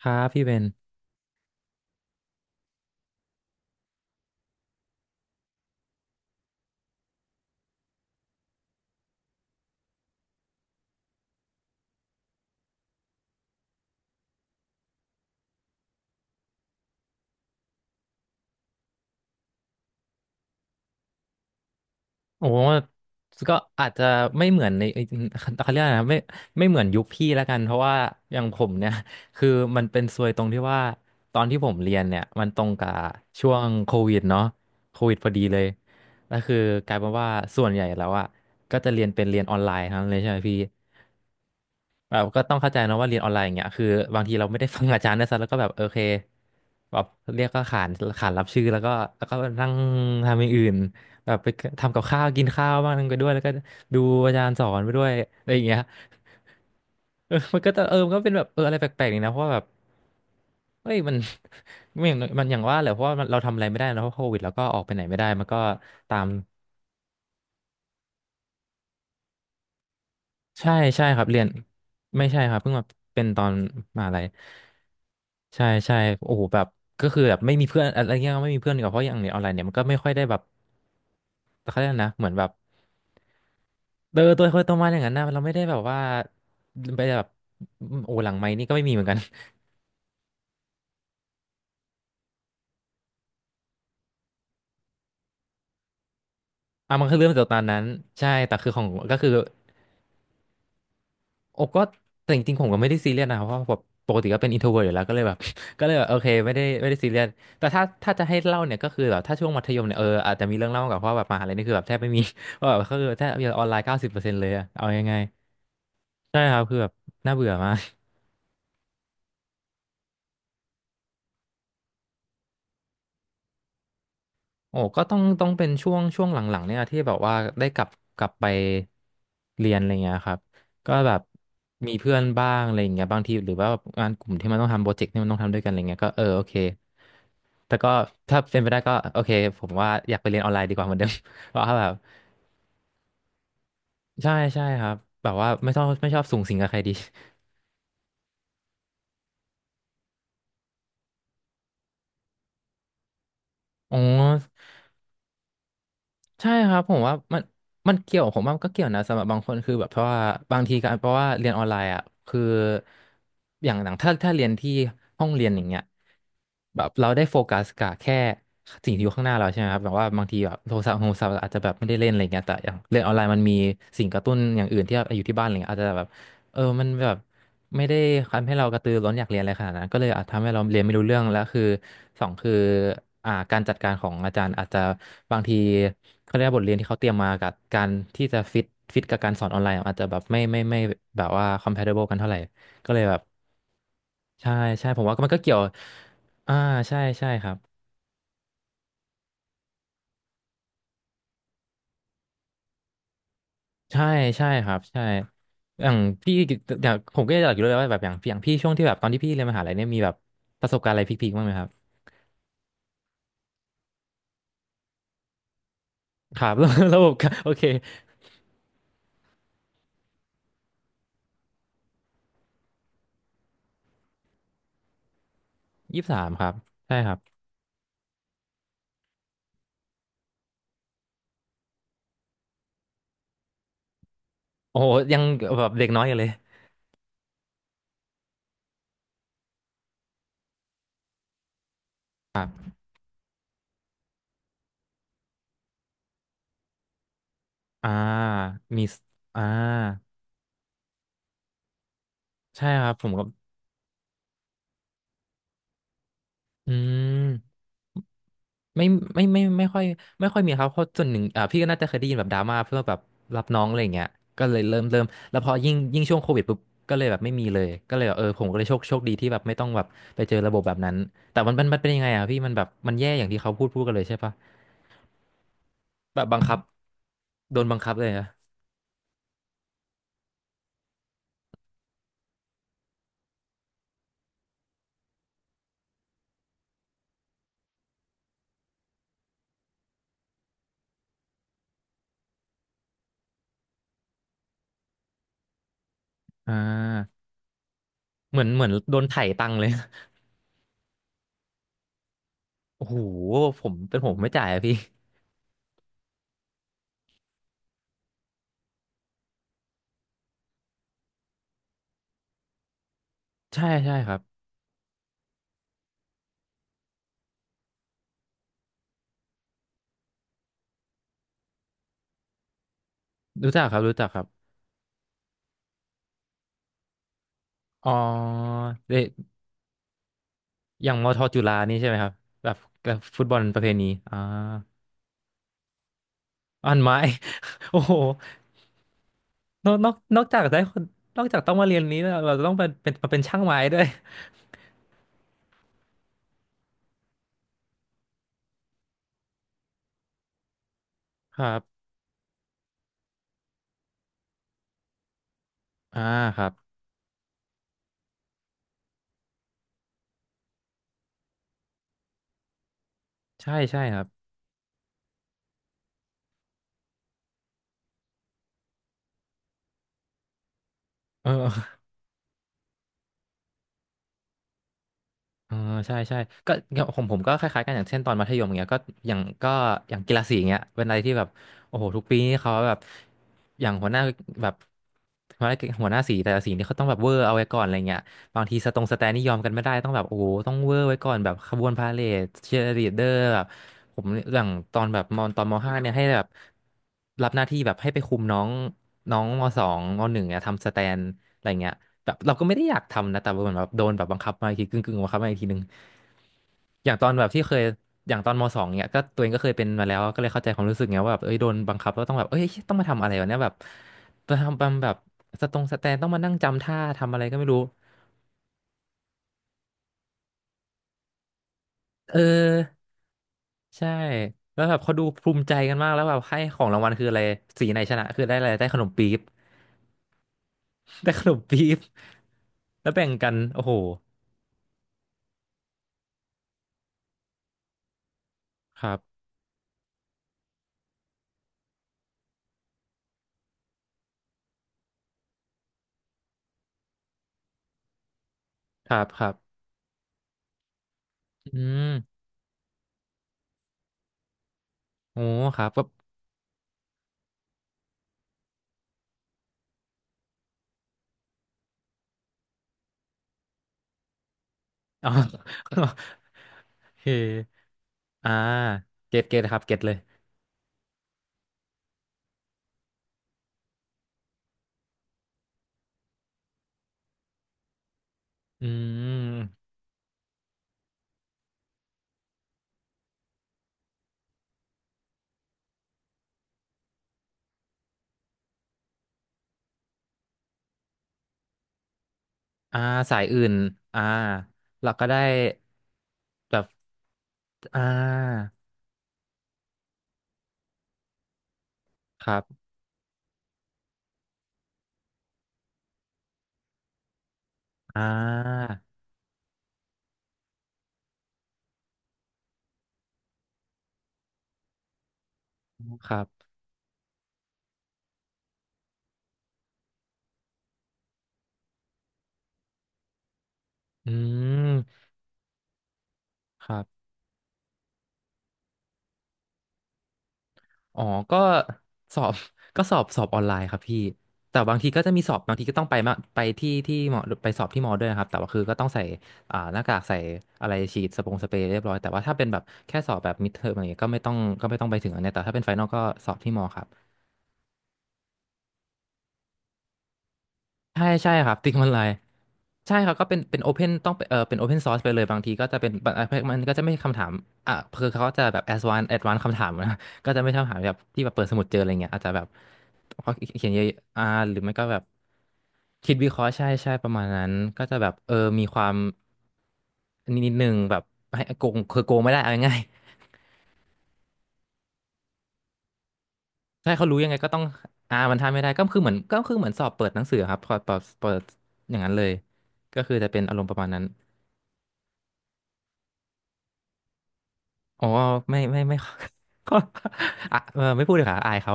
ครับพี่เบนโอ้ก็อาจจะไม่เหมือนในเอ้ ยเขาเรียกอะไรนะไม่เหมือนยุคพี่แล้วกันเพราะว่าอย่างผมเนี่ย คือมันเป็นซวยตรงที่ว่าตอนที่ผมเรียนเนี่ยมันตรงกับช่วงโควิดเนาะโควิดพอดีเลยก็คือกลายเป็นว่าส่วนใหญ่แล้วอ่ะก็จะเรียนเป็นเรียนออนไลน์ทั้งนั้นเลยใช่ไหมพี่ แบบก็ต้องเข้าใจนะว่าเรียนออนไลน์อย่างเงี้ยคือบางทีเราไม่ได้ฟังอาจารย์นะซะแล้วก็แบบโอเคแบบเรียกก็ขานขานรับชื่อแล้วก็นั่งทำอย่างอื่นแบบไปทำกับข้าวกินข้าวบ้างไปด้วยแล้วก็ดูอาจารย์สอนไปด้วยอะไรอย่างเงี้ยมันก็เป็นแบบอะไรแปลกๆนี่นะเพราะว่าแบบเฮ้ยมัน ไม่อย่างมันอย่างว่าแหละเพราะว่ามันเราทำอะไรไม่ได้นะเพราะโควิดแล้วก็ออกไปไหนไม่ได้มันก็ตาม ใช่ใช่ครับเรียนไม่ใช่ครับเพิ่งมาเป็นตอนมหาลัยใช่ใช่โอ้โหแบบก็คือแบบไม่มีเพื่อนอะไรเงี้ยไม่มีเพื่อนดีกว่าเพราะอย่างเรียนออนไลน์เนี่ยมันก็ไม่ค่อยได้แบบเขาเรียกนะเหมือนแบบเออตัวคนตัวมาอย่างนั้นนะเราไม่ได้แบบว่าไปแบบโอ้หลังไม้นี่ก็ไม่มีเหมือนกัน อ่ะมันคือเรื่องจากตอนนั้นใช่แต่คือของก็คือ โอ้ก็แต่จริงๆผมก็ไม่ได้ซีเรียสนะครับเพราะแบบปกติก็เป็น introvert อยู่แล้วก็เลยแบบ ก็เลยแบบโอเคไม่ได้ซีเรียสแต่ถ้าจะให้เล่าเนี่ยก็คือแบบถ้าช่วงมัธยมเนี่ยเอออาจจะมีเรื่องเล่ากับเพราะแบบมหาลัยนี่คือแบบแทบไม่มี ว่าแบบก็คือแทบจะออนไลน์90%เลยอะเอายังไงใช่ครับคือแบบน่าเบื่อมาก โอ้ก็ต้องเป็นช่วงหลังๆเนี่ยที่แบบว่าได้กลับไปเรียนอะไรเงี้ยครับก็แบบมีเพื่อนบ้างอะไรเงี้ยบางทีหรือว่างานกลุ่มที่มันต้องทำโปรเจกต์ที่มันต้องทำด้วยกันอะไรเงี้ยก็เออโอเคแต่ก็ถ้าเป็นไปได้ก็โอเคผมว่าอยากไปเรียนออนไลน์ดีกว่าเหมือนเดิม เพราะว่าแบบใช่ใช่ครับแบบว่าไม่ชอบสุงสิงกับใครดี อ๋อ ใช่ครับผมว่ามันเกี่ยวผมว่ามันก็เกี่ยวนะสำหรับบางคนคือแบบเพราะว่าบางทีการเพราะว่าเรียนออนไลน์อ่ะคืออย่างหลังถ้าเรียนที่ห้องเรียนอย่างเงี้ยแบบเราได้โฟกัสกับแค่สิ่งที่อยู่ข้างหน้าเราใช่ไหมครับแบบว่าบางทีแบบโทรศัพท์อาจจะแบบไม่ได้เล่นอะไรเงี้ยแต่อย่างเรียนออนไลน์มันมีสิ่งกระตุ้นอย่างอื่นที่อยู่ที่บ้านอะไรเงี้ยอาจจะแบบ เออมันแบบไม่ได้ทำให้เรากระตือร้นอยากเรียนอะไรขนาดนั้นก็เลยอาจทำให้เราเรียนไม่รู้เรื่องแล้วคือสองคือการจัดการของอาจารย์อาจจะบางทีเขาเรียกว่าบทเรียนที่เขาเตรียมมากับการที่จะฟิตกับการสอนออนไลน์อาจจะแบบไม่แบบว่า compatible กันเท่าไหร่ก็เลยแบบใช่ใช่ผมว่ามันก็เกี่ยวอ่าใช่ครับใช่ใช่ครับใช่อย่างพี่อย่างผมก็อยากรู้เลยว่าแบบอย่างพี่ช่วงที่แบบตอนที่พี่เรียนมหาลัยเนี่ยมีแบบประสบการณ์อะไรพีคๆบ้างไหมครับ ครับ ระบบการโอเค23ครับใช่ครับโอ้โหยังแบบเด็กน้อยอยู่เลยอ่ามีสอ่าใช่ครับผมก็อืมไม่ไม่ไม่ค่อยมีครับเพราะส่วนหนึ่งอ่าพี่ก็น่าจะเคยได้ยินแบบดราม่าเพื่อแบบรับน้องอะไรอย่างเงี้ยก็เลยเริ่มแล้วพอยิ่งช่วงโควิดปุ๊บก็เลยแบบไม่มีเลยก็เลยแบบเออผมก็เลยโชคดีที่แบบไม่ต้องแบบไปเจอระบบแบบนั้นแต่มันเป็นยังไงอ่ะพี่มันแบบมันแย่อย่างที่เขาพูดกันเลยใช่ปะแบบบังคับโดนบังคับเลยอะอ่า เหมือนโดนไถ่ตังค์เลย โอ้โหผมเป็นผมไม่จ่ายอะพี่ใช่ใช่ครับรู้จักครับรู้จักครับอ๋อเดอย่างมอทอจุฬานี่ใช่ไหมครับแบบแบบฟุตบอลประเพณีอ่าอันไม้ โอ้โห นอกจากได้คนนอกจากต้องมาเรียนนี้แล้วเราจะต้องเป็นเป็นมาเป็นช่างไม้ด้วย ครับอ่าครับใช่ใช่ครับเออ อ่าใช่ใช่ก็ของผมก็คล้ายๆกันอย่างเช่นตอนมัธยมเงี้ยก็อย่างก็อย่างกีฬาสีเงี้ยเป็นอะไรที่แบบโอ้โหทุกปีนี่เขาแบบอย่างหัวหน้าแบบหัวหน้าสีแต่ละสีนี่เขาต้องแบบเวอร์เอาไว้ก่อนอะไรเงี้ยบางทีสตรงสแตนนี่ยอมกันไม่ได้ต้องแบบโอ้โหต้องเวอร์ไว้ก่อนแบบขบวนพาเหรดเชียร์ลีดเดอร์แบบผมอย่างตอนแบบมอนตอนมห้าเนี่ยให้แบบ รับหน้าที่แบบให้ไปคุมน้องน้องมสองมหนึ่งเนี่ยทำสแตนอะไรเงี้ยแบบเราก็ไม่ได้อยากทำนะแต่เหมือนแบบโดนแบบบังคับมาอีกทีกึ่งบังคับมาอีกทีนึงอย่างตอนแบบที่เคยอย่างตอนมสองเนี่ยก็ตัวเองก็เคยเป็นมาแล้วก็เลยเข้าใจความรู้สึกไงว่าแบบเอ้ยโดนบังคับแล้วต้องแบบเอ้ยต้องมาทำอะไรวะเนี่ยแบบมาทำแบบสตรงสแตนต้องมานั่งจำท่าทำอะไรก็ไม่รู้เออใช่แล้วแบบเขาดูภูมิใจกันมากแล้วแบบให้ของรางวัลคืออะไรสีไหนชนะคือได้อะไรได้ขนมปี๊บ ได้ขนมปี๊บแล้วแบ่งกันโอ้โหครับครับครับอืมโอ้ครับก็อ๋อ โอเคอ่าเก็ตเก็ตครับเก็ตเลย อืมอ่าสายอื่น อ่าเราก็ได้แบบอ่าครับ อ่าครับ อืมครับ อ๋อก็สอบ ก็สอบออนไลน์ครับพี่แต่บางทีก็จะมีสอบบางทีก็ต้องไปมาไปที่ที่หมอไปสอบที่หมอด้วยนะครับแต่ว่าคือก็ต้องใส่หน้ากากใส่อะไรฉีดสปงสเปรย์เรียบร้อยแต่ว่าถ้าเป็นแบบแค่สอบแบบมิดเทอมอะไรเงี้ยก็ไม่ต้องก็ไม่ต้องไปถึงอันเนี้ยแต่ถ้าเป็นไฟนอลก็สอบที่หมอครับ ใช่ใช่ครับ ติ๊กมันไลน์ใช่ครับก็เป็นเป็นโอเพนต้องเออเป็นโอเพนซอร์สไปเลยบางทีก็จะเป็นบางมันก็จะไม่คำถามอ่ะคือเขาก็จะแบบแอดวานคำถามนะ ก็จะไม่คำถามแบบที่แบบเปิดสมุดเจออะไรเงี้ยอาจจะแบบเขาเขียนเยอะอ่าหรือไม่ก็แบบคิดวิเคราะห์ใช่ใช่ประมาณนั้นก็จะแบบเออมีความนิดนึงแบบให้โกงคือโกงไม่ได้เอาง่ายๆ ใช่เขารู้ยังไงก็ต้องอ่ามันทำไม่ได้ก็คือเหมือนก็คือเหมือนสอบเปิดหนังสือครับพอเปิดอย่างนั้นเลยก็คือจะเป็นอารมณ์ประมาณนั้น อ๋อไม่ ก็อ่ะเออไม่พูดเลยค่ะอายเขา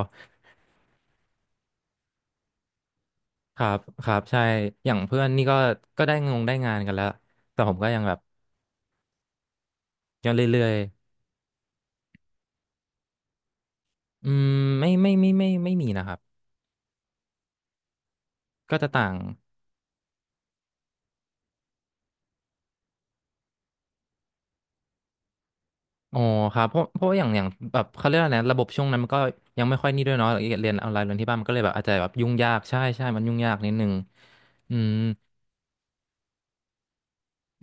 ครับครับใช่อย่างเพื่อนนี่ก็ก็ได้งานกันแล้วแต่ผมก็ยังแบบยังเรื่อยๆอืมไม่มีนะครับก็จะต่างอ๋อครับเพราะเพราะอย่างแบบเขาเรียกอะไรนะระบบช่วงนั้นมันก็ยังไม่ค่อยนี่ด้วยเนาะเรียนออนไลน์เรียนที่บ้านมันก็เลยแบบอาจจะแบบยุ่งยากใช่ใช่มันยุ่งยากนิดนึงอืม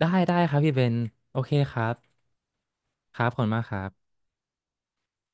ได้ได้ครับพี่เบนโอเคครับครับขอบคุณมากครับ